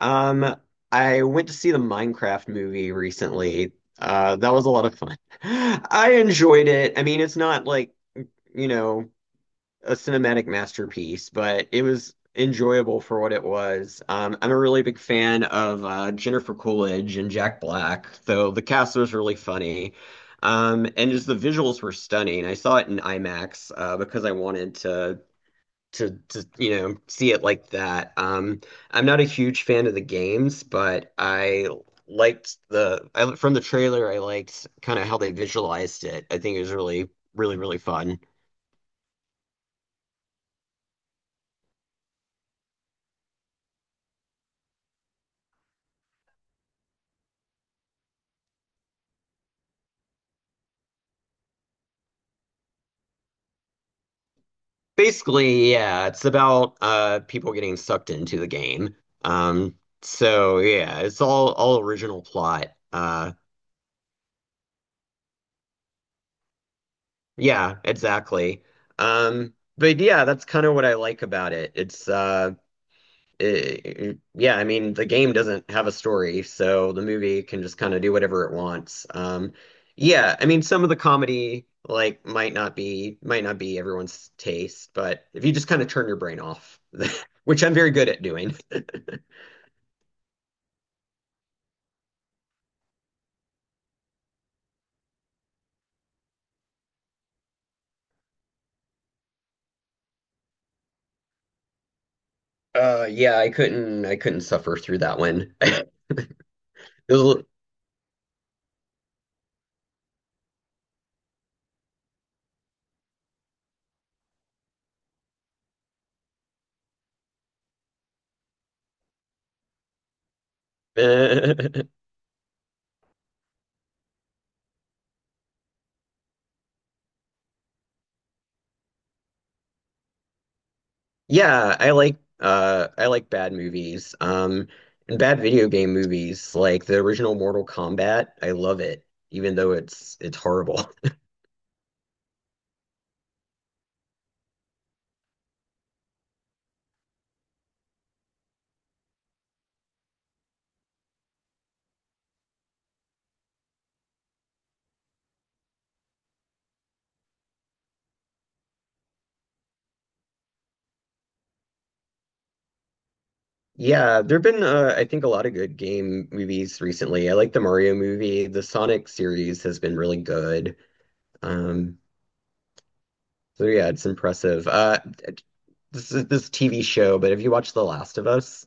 Um, I went to see the Minecraft movie recently. That was a lot of fun. I enjoyed it. I mean, it's not like, you know, a cinematic masterpiece, but it was enjoyable for what it was. I'm a really big fan of Jennifer Coolidge and Jack Black, so the cast was really funny. And just the visuals were stunning. I saw it in IMAX because I wanted to see it like that. I'm not a huge fan of the games, but I liked the I from the trailer. I liked kind of how they visualized it. I think it was really fun. Basically, yeah, it's about people getting sucked into the game. Um, so yeah, it's all original plot. Yeah, exactly. But yeah, that's kind of what I like about it. It's yeah, I mean, the game doesn't have a story, so the movie can just kind of do whatever it wants. Yeah, I mean, some of the comedy like might not be everyone's taste, but if you just kind of turn your brain off, which I'm very good at doing. Yeah, I couldn't suffer through that one. It was a little- Yeah, I like bad movies. And bad video game movies like the original Mortal Kombat. I love it even though it's horrible. Yeah, there've been I think a lot of good game movies recently. I like the Mario movie. The Sonic series has been really good. Um so yeah, it's impressive. This is this TV show, but have you watched The Last of Us?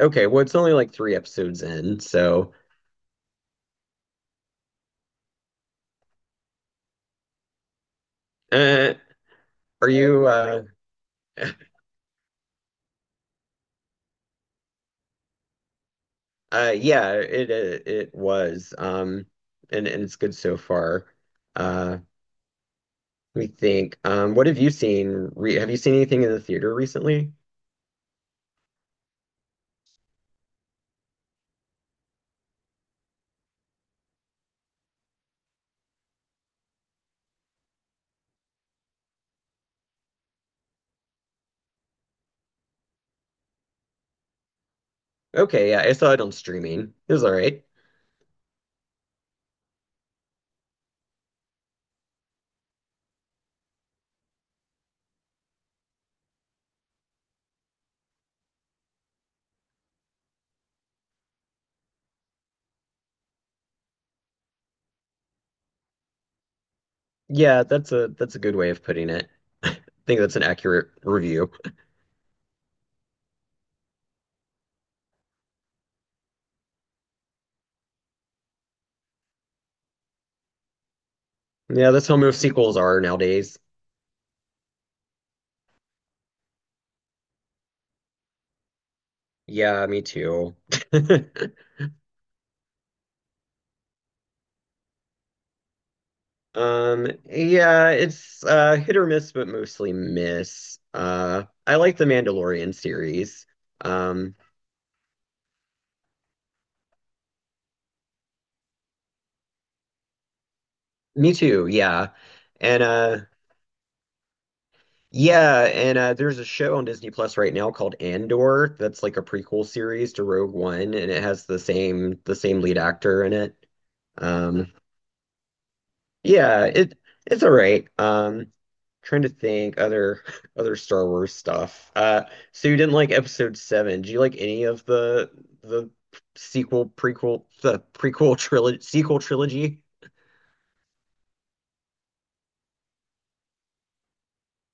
Okay, well it's only like three episodes in, so uh are you Yeah, it was. And it's good so far. Uh, Let me think. What have you seen? Re Have you seen anything in the theater recently? Okay, yeah, I saw it on streaming. It was all right. Yeah, that's a good way of putting it. I think that's an accurate review. Yeah, that's how most sequels are nowadays. Yeah, me too. Yeah, it's hit or miss, but mostly miss. I like the Mandalorian series. Um, Me too, yeah. And yeah, and there's a show on Disney Plus right now called Andor that's like a prequel series to Rogue One and it has the same lead actor in it. Um yeah, it it's all right. Trying to think other other Star Wars stuff. So you didn't like episode 7. Do you like any of the sequel prequel the prequel trilogy sequel trilogy?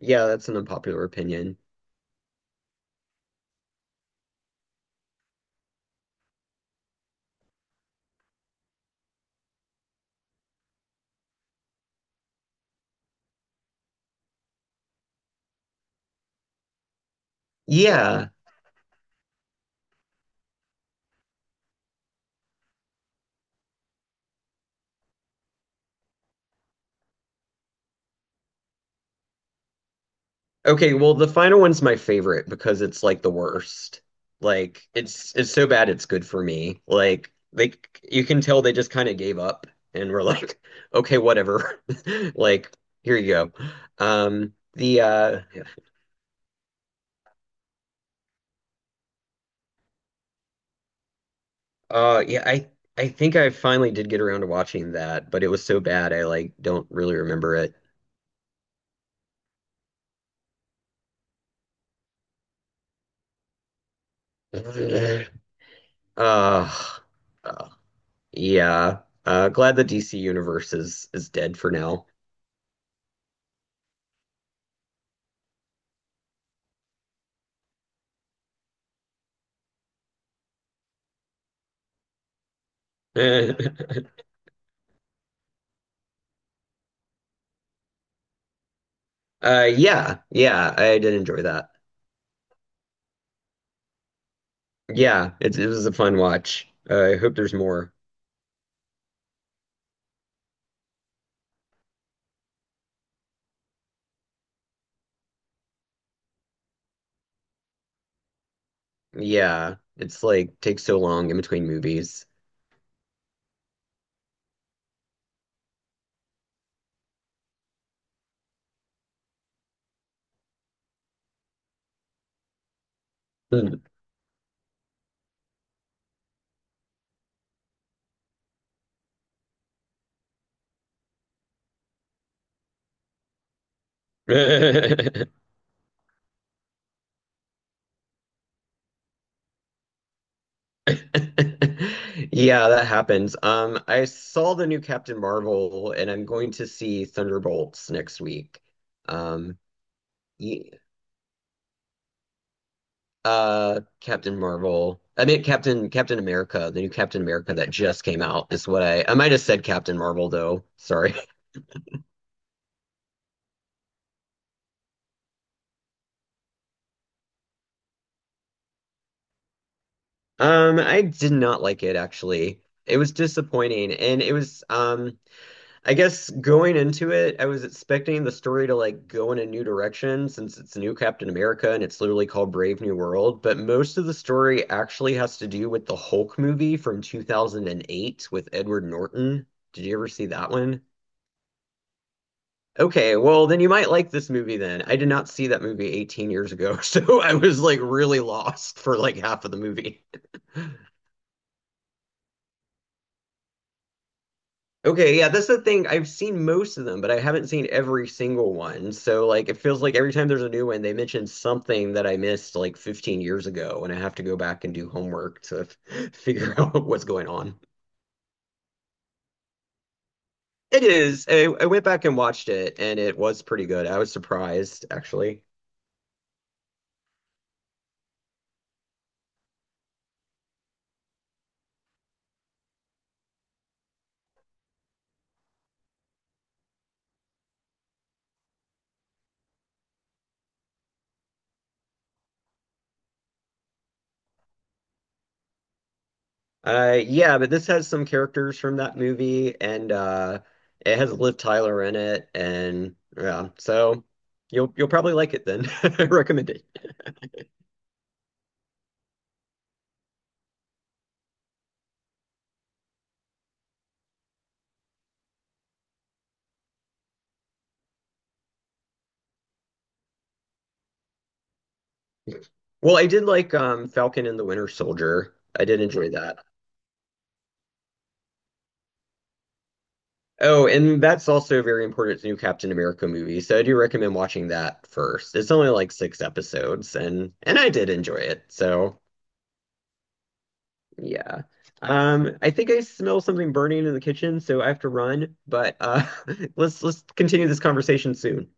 Yeah, that's an unpopular opinion. Yeah. Okay, well, the final one's my favorite because it's like the worst. Like it's so bad it's good for me. Like they you can tell they just kind of gave up and were like, okay, whatever. Like here you go. The Yeah, I think I finally did get around to watching that, but it was so bad I like don't really remember it. Uh, uh yeah. Glad the DC universe is dead for now. Yeah, yeah, I did enjoy that. Yeah, it was a fun watch. I hope there's more. Yeah, it's like takes so long in between movies. Mm. Yeah, that happens. I saw the new Captain Marvel, and I'm going to see Thunderbolts next week. Um, ye- Captain Marvel. I mean, Captain America, the new Captain America that just came out is what I might have said Captain Marvel though. Sorry. I did not like it actually. It was disappointing, and it was I guess going into it, I was expecting the story to like go in a new direction since it's new Captain America and it's literally called Brave New World, but most of the story actually has to do with the Hulk movie from 2008 with Edward Norton. Did you ever see that one? Okay, well then you might like this movie then. I did not see that movie 18 years ago, so I was like really lost for like half of the movie. Okay, yeah, that's the thing. I've seen most of them, but I haven't seen every single one. So like it feels like every time there's a new one, they mention something that I missed like 15 years ago, and I have to go back and do homework to f- figure out what's going on. It is. I went back and watched it, and it was pretty good. I was surprised, actually. Yeah, but this has some characters from that movie, and it has Liv Tyler in it, and yeah, so you'll probably like it then. I recommend it. Well, I did like Falcon and the Winter Soldier. I did enjoy that. Oh, and that's also very important. It's a new Captain America movie, so I do recommend watching that first. It's only like six episodes, and I did enjoy it. So yeah, I think I smell something burning in the kitchen, so I have to run. But let's continue this conversation soon.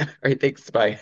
All right, thanks. Bye.